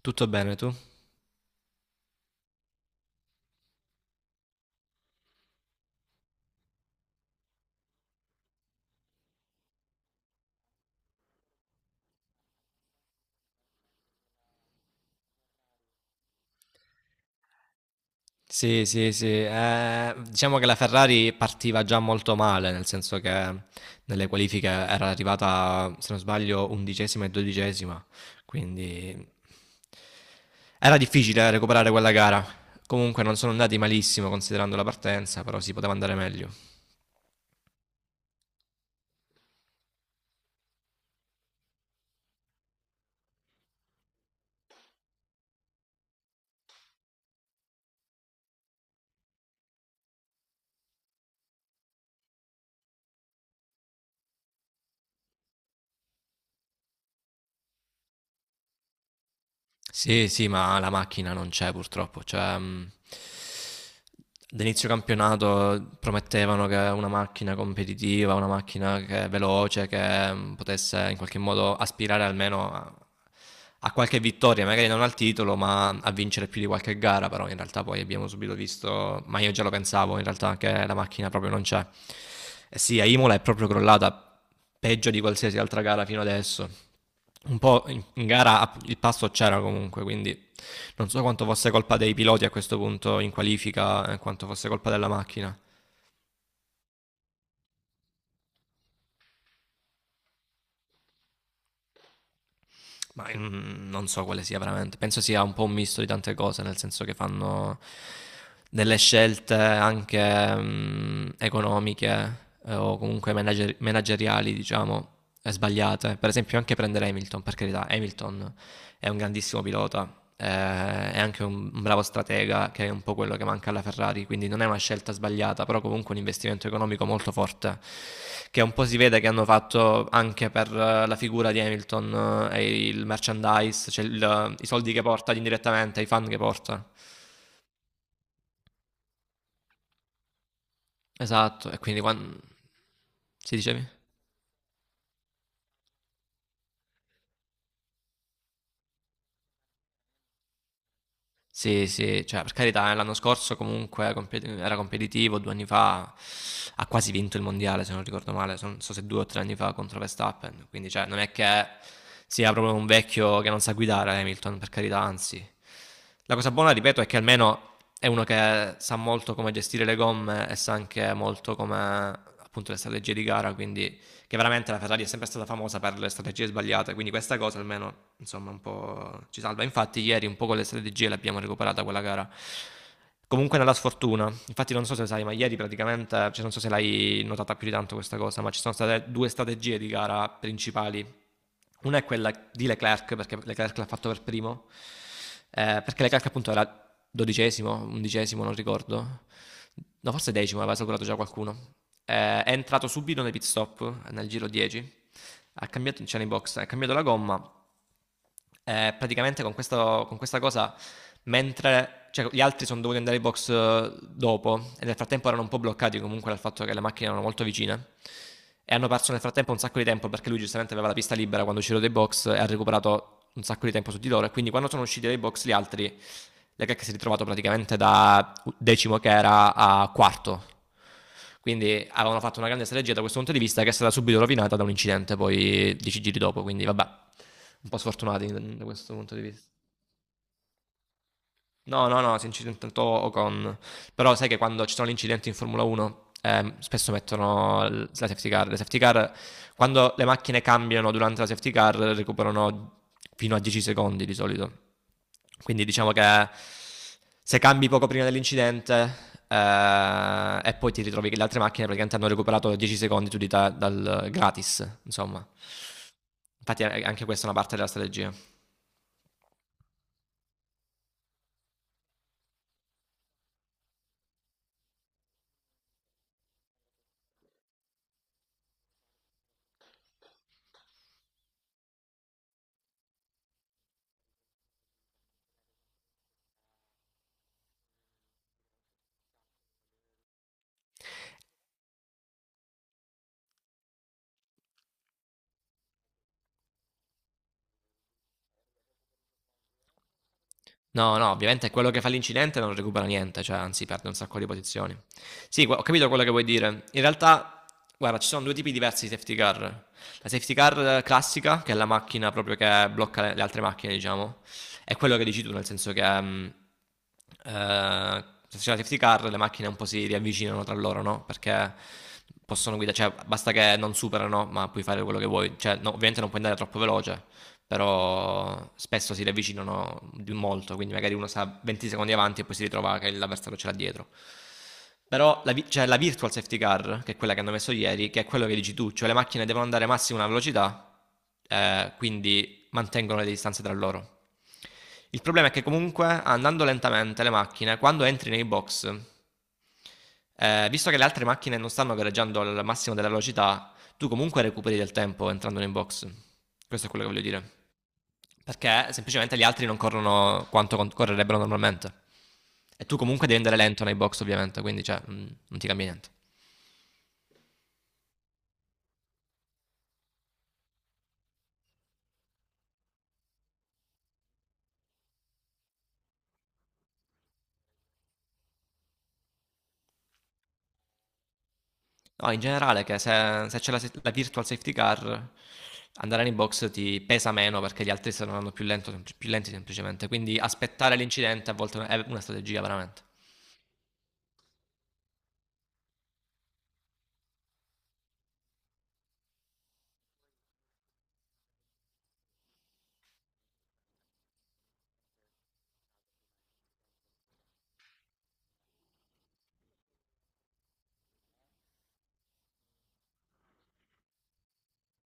Tutto bene tu? Sì, sì, sì. Diciamo che la Ferrari partiva già molto male, nel senso che nelle qualifiche era arrivata, se non sbaglio, 11ª e 12ª, quindi era difficile recuperare quella gara. Comunque non sono andati malissimo considerando la partenza, però si poteva andare meglio. Sì, sì, ma la macchina non c'è purtroppo. Cioè, ad inizio campionato promettevano che una macchina competitiva, una macchina che è veloce, che potesse in qualche modo aspirare almeno a, a qualche vittoria, magari non al titolo, ma a vincere più di qualche gara. Però in realtà poi abbiamo subito visto, ma io già lo pensavo, in realtà che la macchina proprio non c'è. E sì, a Imola è proprio crollata peggio di qualsiasi altra gara fino adesso, un po' in gara il passo c'era comunque, quindi non so quanto fosse colpa dei piloti a questo punto in qualifica, quanto fosse colpa della macchina. Ma non so quale sia veramente. Penso sia un po' un misto di tante cose, nel senso che fanno delle scelte anche economiche, o comunque manageriali, diciamo, sbagliate. Per esempio anche prendere Hamilton, per carità, Hamilton è un grandissimo pilota, è anche un bravo stratega, che è un po' quello che manca alla Ferrari, quindi non è una scelta sbagliata, però comunque un investimento economico molto forte, che un po' si vede che hanno fatto anche per, la figura di Hamilton, e il merchandise, cioè i soldi che porta indirettamente, i fan che porta. Esatto, e quindi quando... Si dicevi? Sì, sì, cioè per carità, l'anno scorso comunque era competitivo, 2 anni fa ha quasi vinto il mondiale, se non ricordo male, non so se 2 o 3 anni fa contro Verstappen, quindi cioè, non è che sia proprio un vecchio che non sa guidare Hamilton, per carità, anzi. La cosa buona, ripeto, è che almeno è uno che sa molto come gestire le gomme e sa anche molto come, appunto, le strategie di gara, quindi, che veramente la Ferrari è sempre stata famosa per le strategie sbagliate, quindi questa cosa almeno insomma un po' ci salva. Infatti ieri un po' con le strategie l'abbiamo recuperata quella gara. Comunque nella sfortuna, infatti non so se sai, ma ieri praticamente, cioè non so se l'hai notata più di tanto questa cosa, ma ci sono state due strategie di gara principali. Una è quella di Leclerc, perché Leclerc l'ha fatto per primo, perché le calche appunto era 12º, 11º, non ricordo, no forse 10º, aveva salvato già qualcuno. È entrato subito nei pit stop nel giro 10, ha cambiato, cioè nei box, ha cambiato la gomma. Praticamente con questa cosa, mentre, cioè, gli altri sono dovuti andare ai box, dopo, e nel frattempo erano un po' bloccati comunque dal fatto che le macchine erano molto vicine e hanno perso nel frattempo un sacco di tempo perché lui giustamente aveva la pista libera quando uscirò dai box e ha recuperato un sacco di tempo su di loro, e quindi quando sono usciti dai box gli altri, Leclerc si è ritrovato praticamente da 10º che era a quarto, quindi avevano fatto una grande strategia da questo punto di vista, che è stata subito rovinata da un incidente poi 10 giri dopo, quindi vabbè, un po' sfortunati da questo punto di vista. No, no, no, si è incidentato Ocon. Però sai che quando ci sono gli incidenti in Formula 1, spesso mettono la safety car. Le safety car, quando le macchine cambiano durante la safety car, recuperano fino a 10 secondi di solito. Quindi diciamo che se cambi poco prima dell'incidente, e poi ti ritrovi che le altre macchine praticamente hanno recuperato 10 secondi, tu di dal gratis, insomma. Infatti, anche questa è una parte della strategia. No, no, ovviamente quello che fa l'incidente non recupera niente, cioè anzi perde un sacco di posizioni. Sì, ho capito quello che vuoi dire. In realtà, guarda, ci sono due tipi diversi di safety car. La safety car classica, che è la macchina proprio che blocca le altre macchine, diciamo, è quello che dici tu, nel senso che, se c'è la safety car le macchine un po' si riavvicinano tra loro, no? Perché possono guidare, cioè basta che non superano, ma puoi fare quello che vuoi. Cioè, no, ovviamente non puoi andare troppo veloce, però spesso si riavvicinano di molto, quindi magari uno sta 20 secondi avanti e poi si ritrova che l'avversario ce l'ha dietro. Però c'è la virtual safety car, che è quella che hanno messo ieri, che è quello che dici tu, cioè le macchine devono andare massimo a una velocità, quindi mantengono le distanze tra loro. Il problema è che comunque, andando lentamente le macchine, quando entri nei box, visto che le altre macchine non stanno gareggiando al massimo della velocità, tu comunque recuperi del tempo entrando nei box. Questo è quello che voglio dire. Perché semplicemente gli altri non corrono quanto correrebbero normalmente. E tu comunque devi andare lento nei box, ovviamente, quindi, cioè, non ti cambia niente. No, in generale, che se c'è la, la virtual safety car, andare nei box ti pesa meno perché gli altri stanno andando più lenti semplicemente. Quindi aspettare l'incidente a volte è una strategia veramente.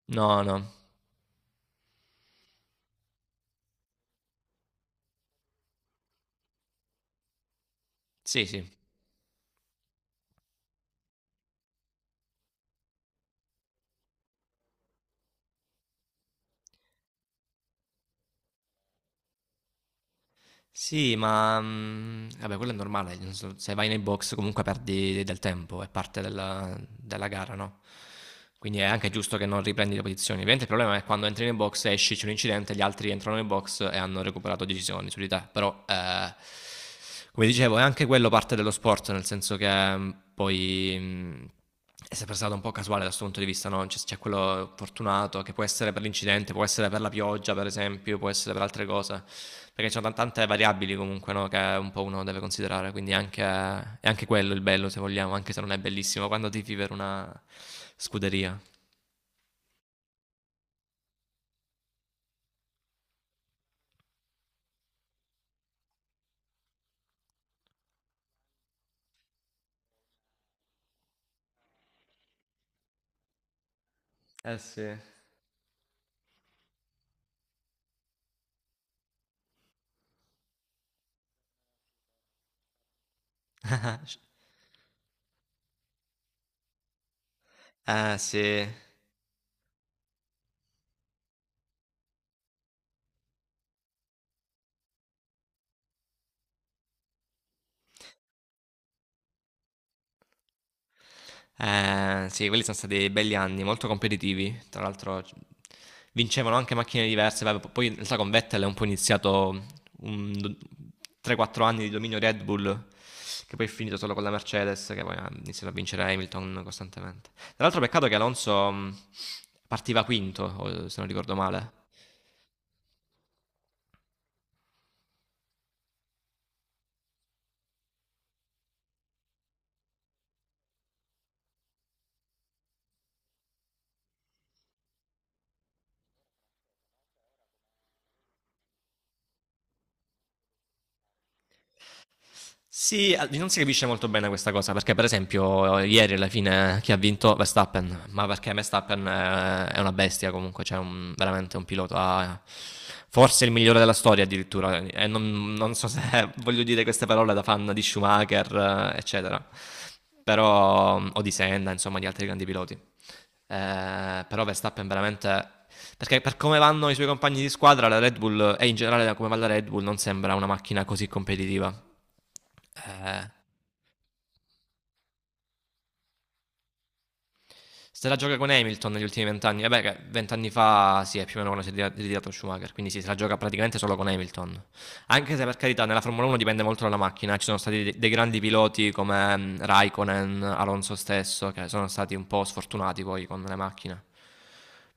No, no. Sì, sì. Sì, ma vabbè, quello è normale. Nel senso, se vai nei box comunque perdi del tempo, è parte della gara, no? Quindi è anche giusto che non riprendi le posizioni. Ovviamente il problema è quando entri nei box, esci, c'è un incidente, gli altri entrano nei box e hanno recuperato decisioni su di te. Però, come dicevo, è anche quello parte dello sport, nel senso che, poi è sempre stato un po' casuale da questo punto di vista, no? C'è quello fortunato, che può essere per l'incidente, può essere per la pioggia, per esempio, può essere per altre cose, perché ci sono tante variabili comunque, no? Che un po' uno deve considerare, quindi è anche quello il bello, se vogliamo, anche se non è bellissimo, quando tifi per una scuderia. Eh sì. Eh sì. Sì, quelli sono stati belli anni, molto competitivi. Tra l'altro vincevano anche macchine diverse. Vabbè, poi in realtà con Vettel è un po' iniziato un do- 3-4 anni di dominio Red Bull, che poi è finito solo con la Mercedes, che poi ha iniziato a vincere Hamilton costantemente. Tra l'altro peccato che Alonso partiva quinto, se non ricordo male. Sì, non si capisce molto bene questa cosa, perché per esempio ieri alla fine chi ha vinto Verstappen, ma perché Verstappen, è una bestia comunque, cioè veramente un pilota, forse il migliore della storia addirittura, e non so se voglio dire queste parole da fan di Schumacher, eccetera, però o di Senna, insomma di altri grandi piloti. Però Verstappen veramente. Perché per come vanno i suoi compagni di squadra, la Red Bull e in generale da come va la Red Bull, non sembra una macchina così competitiva. Eh, se la gioca con Hamilton negli ultimi vent'anni, vabbè, che vent'anni fa sì, è più o meno quando si è ritirato Schumacher, quindi sì, se la gioca praticamente solo con Hamilton. Anche se per carità nella Formula 1 dipende molto dalla macchina, ci sono stati dei grandi piloti come Raikkonen, Alonso stesso, che sono stati un po' sfortunati poi con le macchine.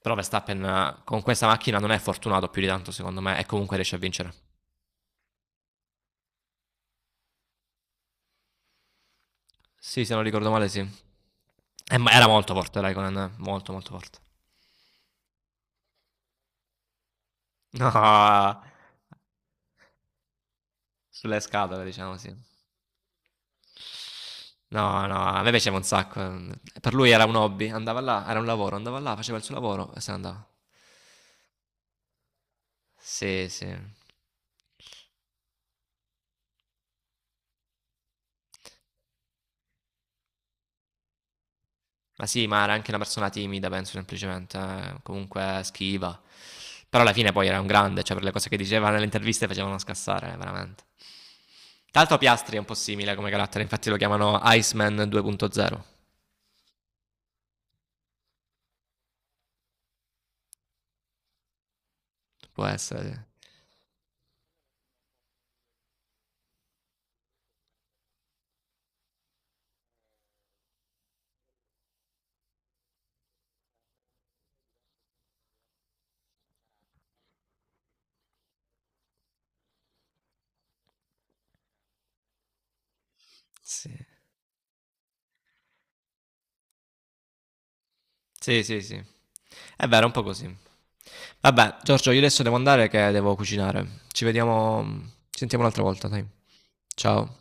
Però Verstappen, con questa macchina non è fortunato più di tanto, secondo me, e comunque riesce a vincere. Sì, se non ricordo male, sì. Ma era molto forte Raikkonen, molto molto forte. No, sulle scatole, diciamo, sì. No, no, a me piaceva un sacco. Per lui era un hobby, andava là, era un lavoro, andava là, faceva il suo lavoro e se ne andava. Sì, sì. Ma sì, ma era anche una persona timida, penso semplicemente, comunque schiva. Però alla fine poi era un grande, cioè per le cose che diceva nelle interviste facevano scassare, veramente. Tra l'altro Piastri è un po' simile come carattere, infatti lo chiamano Iceman 2.0. Può essere, sì. Sì, sì, sì, sì. È vero, è un po' così. Vabbè, Giorgio, io adesso devo andare che devo cucinare. Ci vediamo, ci sentiamo un'altra volta, dai. Ciao.